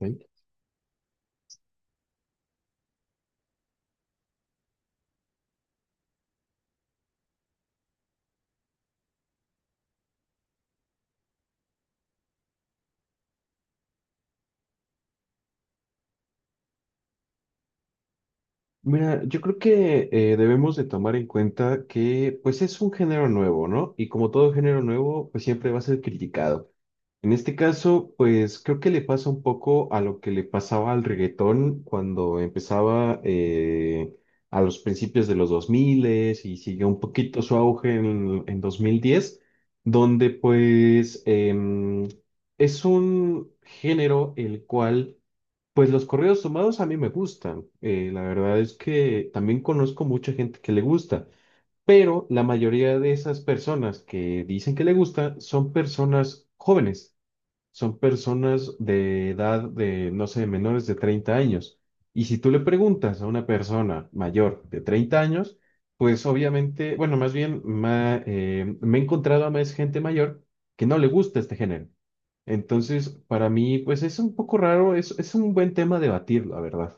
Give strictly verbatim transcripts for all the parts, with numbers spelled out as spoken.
Ok. Mira, yo creo que eh, debemos de tomar en cuenta que pues es un género nuevo, ¿no? Y como todo género nuevo, pues siempre va a ser criticado. En este caso, pues creo que le pasa un poco a lo que le pasaba al reggaetón cuando empezaba eh, a los principios de los dos mil y siguió un poquito su auge en, en dos mil diez, donde pues em, es un género el cual. Pues los corridos tomados a mí me gustan. Eh, la verdad es que también conozco mucha gente que le gusta, pero la mayoría de esas personas que dicen que le gusta son personas jóvenes, son personas de edad de, no sé, menores de treinta años. Y si tú le preguntas a una persona mayor de treinta años, pues obviamente, bueno, más bien ma- eh, me he encontrado a más gente mayor que no le gusta este género. Entonces, para mí, pues es un poco raro, es, es un buen tema debatir, la verdad.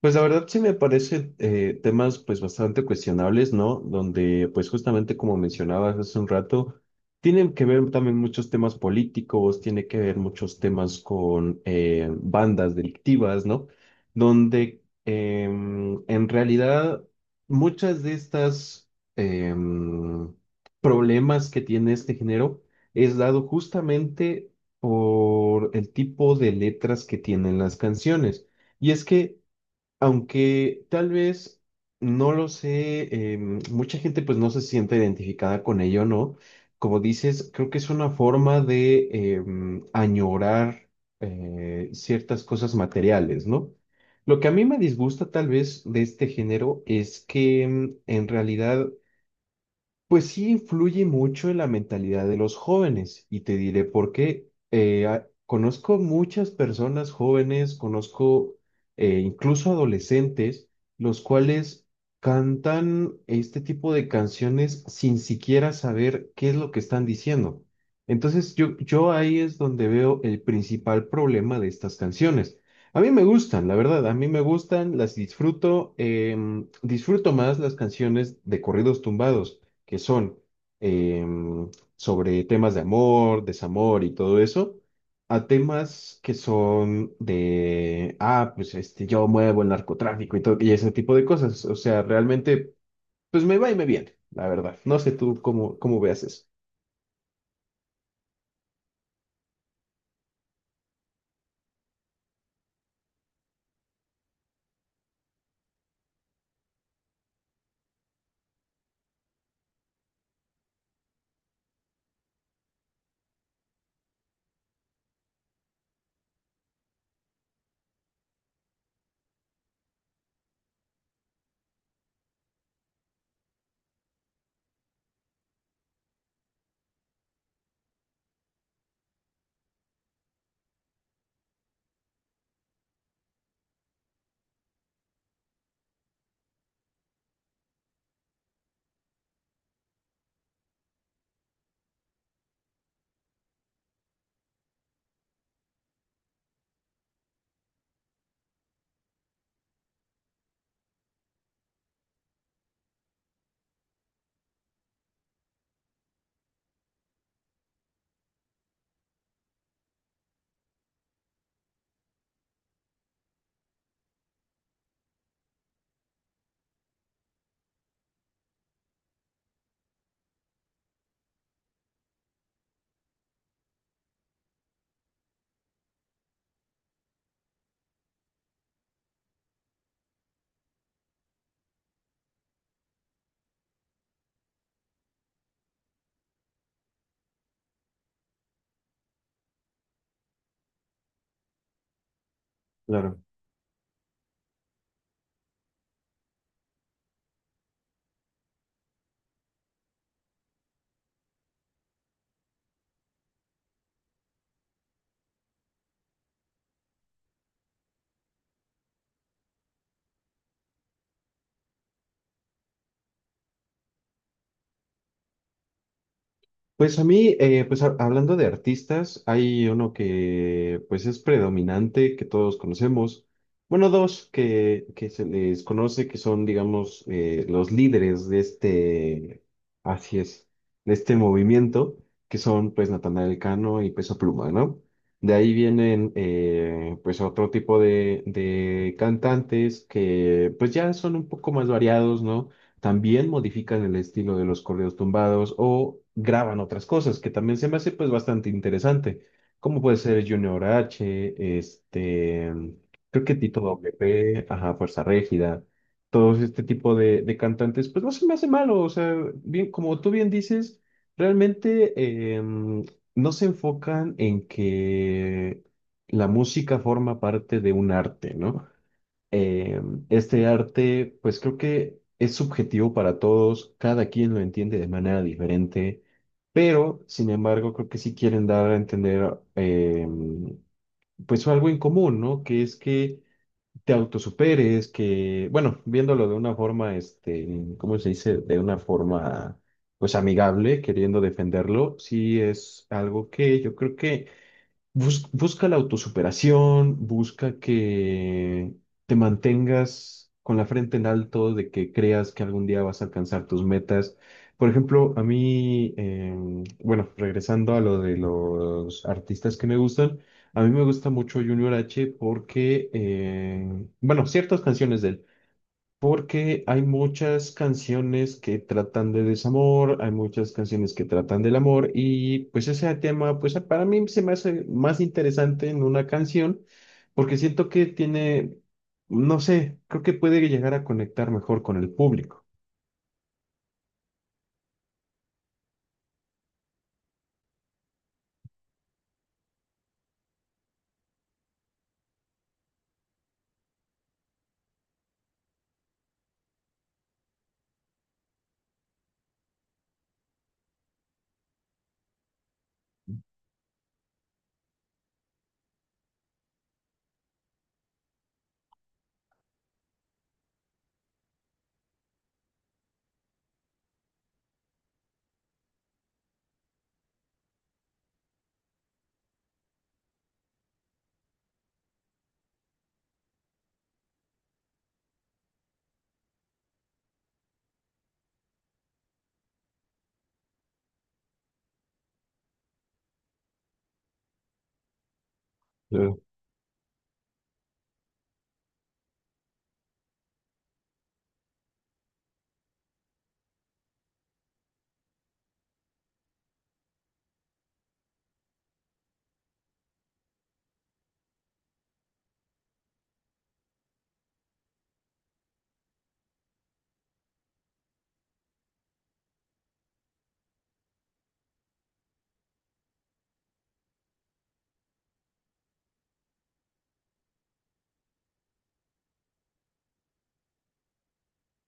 Pues la verdad sí me parece eh, temas pues bastante cuestionables, ¿no? Donde pues justamente como mencionabas hace un rato, tienen que ver también muchos temas políticos, tiene que ver muchos temas con eh, bandas delictivas, ¿no? Donde em, en realidad muchas de estas em, problemas que tiene este género es dado justamente por el tipo de letras que tienen las canciones. Y es que aunque tal vez no lo sé, eh, mucha gente pues no se siente identificada con ello, ¿no? Como dices, creo que es una forma de em, añorar eh, ciertas cosas materiales, ¿no? Lo que a mí me disgusta tal vez de este género es que em, en realidad pues sí influye mucho en la mentalidad de los jóvenes y te diré por qué. Eh, a- conozco muchas personas jóvenes, conozco eh, incluso adolescentes, los cuales cantan este tipo de canciones sin siquiera saber qué es lo que están diciendo. Entonces yo, yo ahí es donde veo el principal problema de estas canciones. A mí me gustan, la verdad, a mí me gustan, las disfruto, em, disfruto más las canciones de corridos tumbados que son em, sobre temas de amor, desamor y todo eso, a temas que son de, ah, pues este, yo muevo el narcotráfico y todo, y ese tipo de cosas. O sea, realmente, pues me va y me viene, la verdad. No sé tú cómo, cómo veas eso. Claro. Pues a mí, eh, pues ha- hablando de artistas, hay uno que pues es predominante, que todos conocemos. Bueno, dos que, que se les conoce, que son, digamos, eh, los líderes de este, así es, de este movimiento, que son pues Natanael Cano y Peso Pluma, ¿no? De ahí vienen eh, pues otro tipo de, de cantantes que pues ya son un poco más variados, ¿no? También modifican el estilo de los corridos tumbados o graban otras cosas, que también se me hace pues bastante interesante, como puede ser Junior H, este, creo que Tito W P, ajá, Fuerza Régida, todos este tipo de, de cantantes, pues no se me hace malo, o sea, bien, como tú bien dices, realmente em, no se enfocan en que la música forma parte de un arte, ¿no? eh, este arte, pues creo que es subjetivo para todos, cada quien lo entiende de manera diferente, pero sin embargo creo que sí quieren dar a entender eh, pues algo en común, ¿no? Que es que te autosuperes, que, bueno, viéndolo de una forma, este, ¿cómo se dice? De una forma pues amigable, queriendo defenderlo, sí es algo que yo creo que. Bus- busca la autosuperación, busca que te mantengas con la frente en alto, de que creas que algún día vas a alcanzar tus metas. Por ejemplo, a mí, eh, bueno, regresando a lo de los artistas que me gustan, a mí me gusta mucho Junior H porque, eh, bueno, ciertas canciones de él. Porque hay muchas canciones que tratan de desamor, hay muchas canciones que tratan del amor y pues ese tema, pues para mí se me hace más interesante en una canción porque siento que tiene, no sé, creo que puede llegar a conectar mejor con el público. Claro.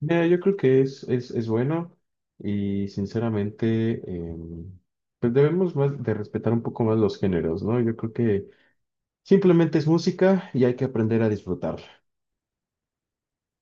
Mira, yo creo que es, es, es bueno y sinceramente, em, pues debemos más de respetar un poco más los géneros, ¿no? Yo creo que simplemente es música y hay que aprender a disfrutarla.